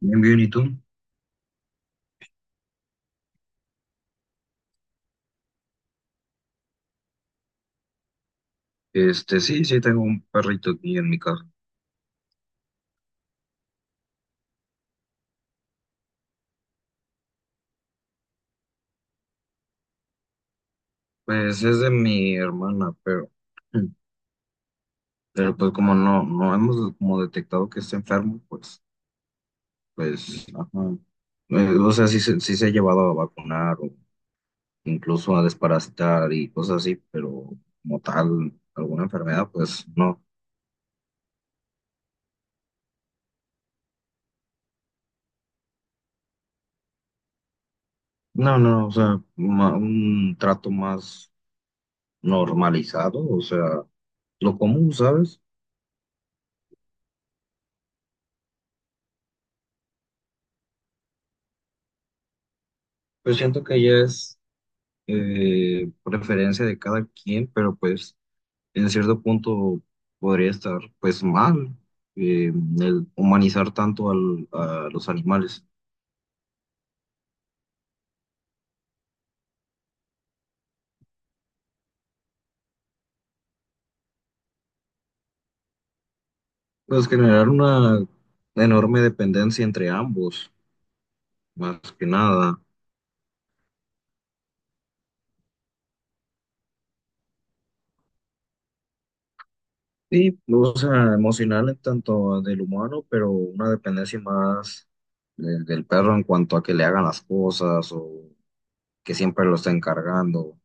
Bien, bien, ¿y tú? Sí, sí, tengo un perrito aquí en mi casa. Pues es de mi hermana, pero, pero pues como no hemos como detectado que está enfermo, pues, pues, ajá. O sea, sí, sí se ha llevado a vacunar o incluso a desparasitar y cosas así, pero como tal, alguna enfermedad, pues no. No, no, o sea, un trato más normalizado, o sea, lo común, ¿sabes? Pues siento que ya es preferencia de cada quien, pero pues en cierto punto podría estar pues mal eh, el humanizar tanto a los animales. Pues generar una enorme dependencia entre ambos, más que nada. Sí, o sea, emocional en tanto del humano, pero una dependencia más del perro en cuanto a que le hagan las cosas o que siempre lo estén cargando.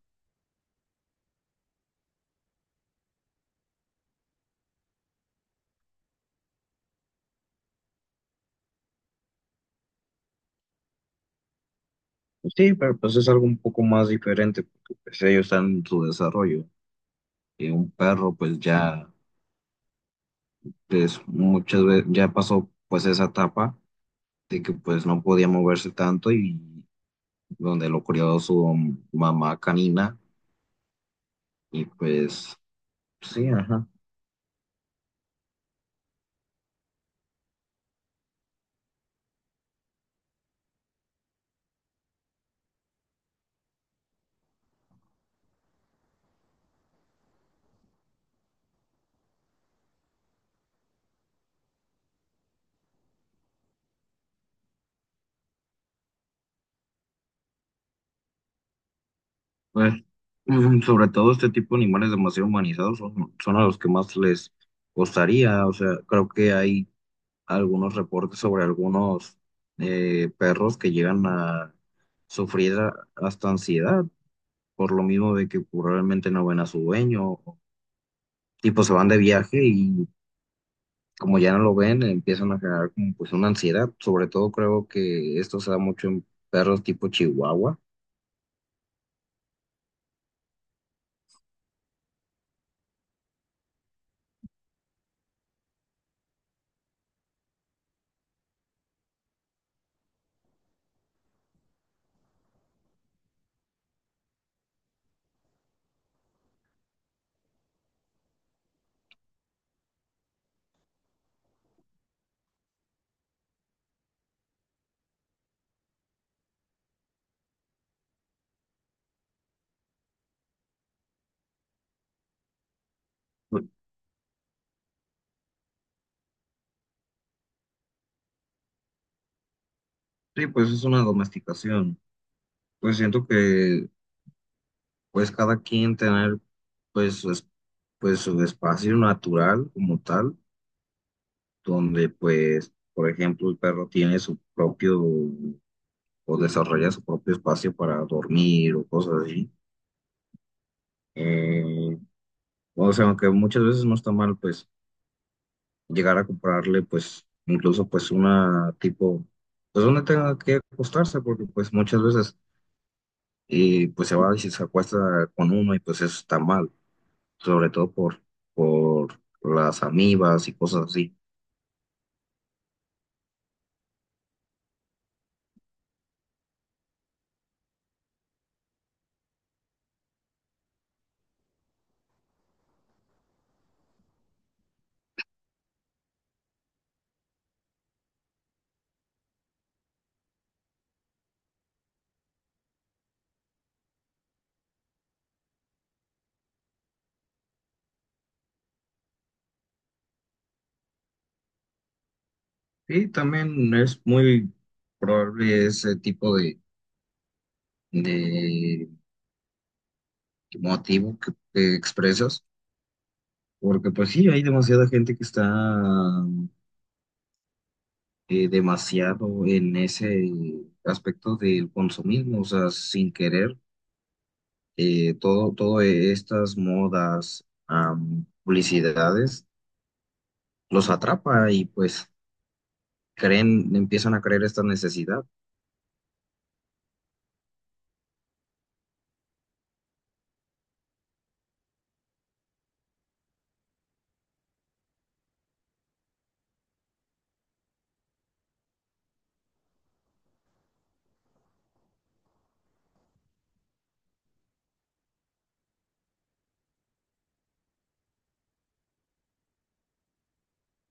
Sí, pero pues es algo un poco más diferente porque pues, ellos están en su desarrollo. Y un perro pues ya pues, muchas veces ya pasó pues esa etapa de que pues no podía moverse tanto y donde lo crió su mamá canina y pues sí, ajá. Pues sobre todo este tipo de animales demasiado humanizados son, son a los que más les costaría, o sea, creo que hay algunos reportes sobre algunos perros que llegan a sufrir hasta ansiedad por lo mismo de que probablemente no ven a su dueño, tipo se van de viaje y como ya no lo ven empiezan a generar como pues una ansiedad, sobre todo creo que esto se da mucho en perros tipo Chihuahua. Sí, pues es una domesticación. Pues siento que pues cada quien tener pues pues su espacio natural como tal donde pues, por ejemplo, el perro tiene su propio o desarrolla su propio espacio para dormir o cosas así. Eh, o sea, aunque muchas veces no está mal, pues, llegar a comprarle, pues, incluso, pues, una tipo, pues, donde tenga que acostarse, porque, pues, muchas veces, pues, se va y se acuesta con uno y, pues, eso está mal, sobre todo por las amibas y cosas así. Y también es muy probable ese tipo de motivo que expresas, porque pues sí, hay demasiada gente que está demasiado en ese aspecto del consumismo, o sea, sin querer, todo estas modas, publicidades, los atrapa y pues creen, empiezan a creer esta necesidad.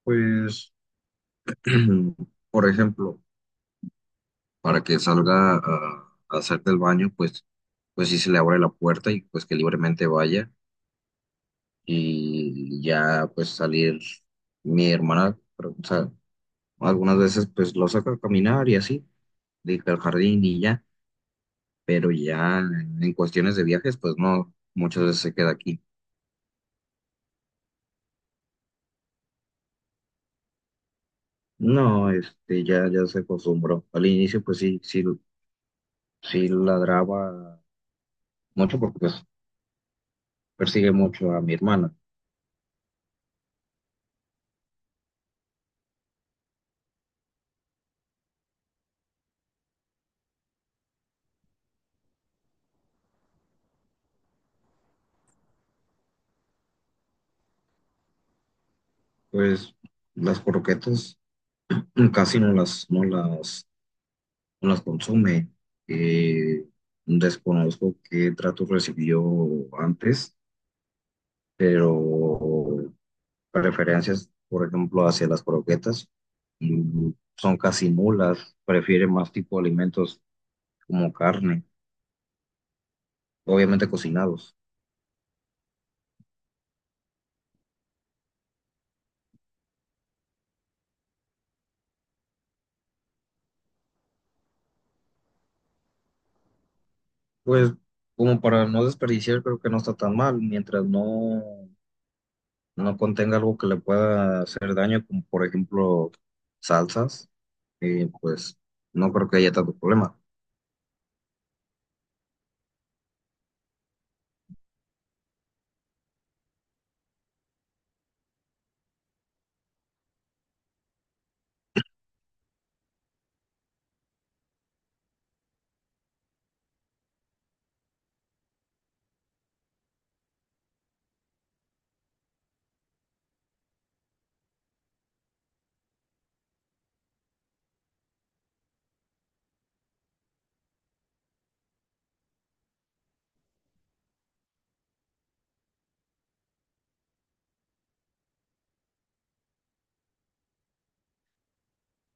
Pues, por ejemplo, para que salga a hacer del baño, pues, pues sí se le abre la puerta y pues que libremente vaya y ya pues salir mi hermana, pero, o sea, algunas veces pues lo saca a caminar y así, de que al jardín y ya, pero ya en cuestiones de viajes pues no, muchas veces se queda aquí. No, ya, ya se acostumbró. Al inicio pues sí, sí, sí ladraba mucho porque pues persigue mucho a mi hermana. Pues las croquetas casi no las, no las consume. Eh, Desconozco qué trato recibió antes, pero preferencias, por ejemplo, hacia las croquetas mm, son casi nulas. Prefiere más tipo de alimentos como carne, obviamente cocinados. Pues como para no desperdiciar, creo que no está tan mal, mientras no, no contenga algo que le pueda hacer daño, como por ejemplo salsas, pues no creo que haya tanto problema.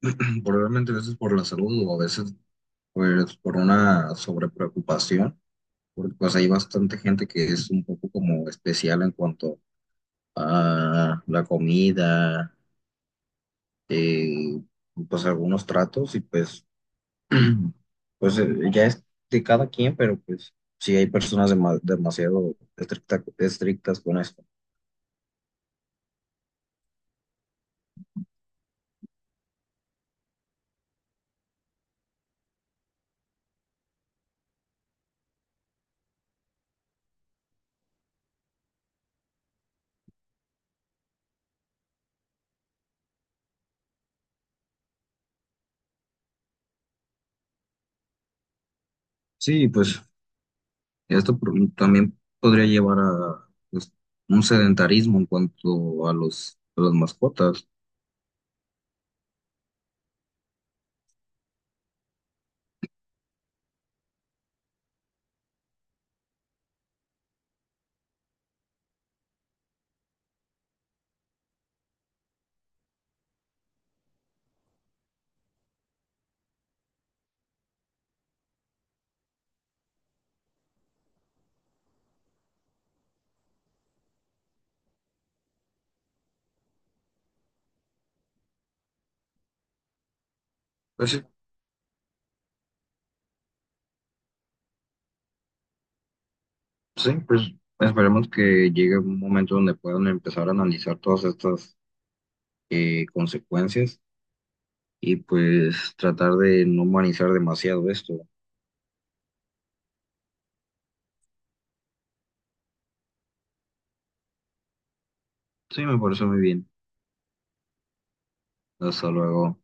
Probablemente a veces por la salud o a veces pues por una sobrepreocupación, porque pues hay bastante gente que es un poco como especial en cuanto a la comida, eh, pues algunos tratos y pues, pues ya es de cada quien, pero pues sí hay personas demasiado estrictas con esto. Sí, pues esto también podría llevar a pues, un sedentarismo en cuanto a los, a las mascotas. Pues sí. Sí, pues esperemos que llegue un momento donde puedan empezar a analizar todas estas consecuencias y pues tratar de no humanizar demasiado esto. Sí, me parece muy bien. Hasta luego.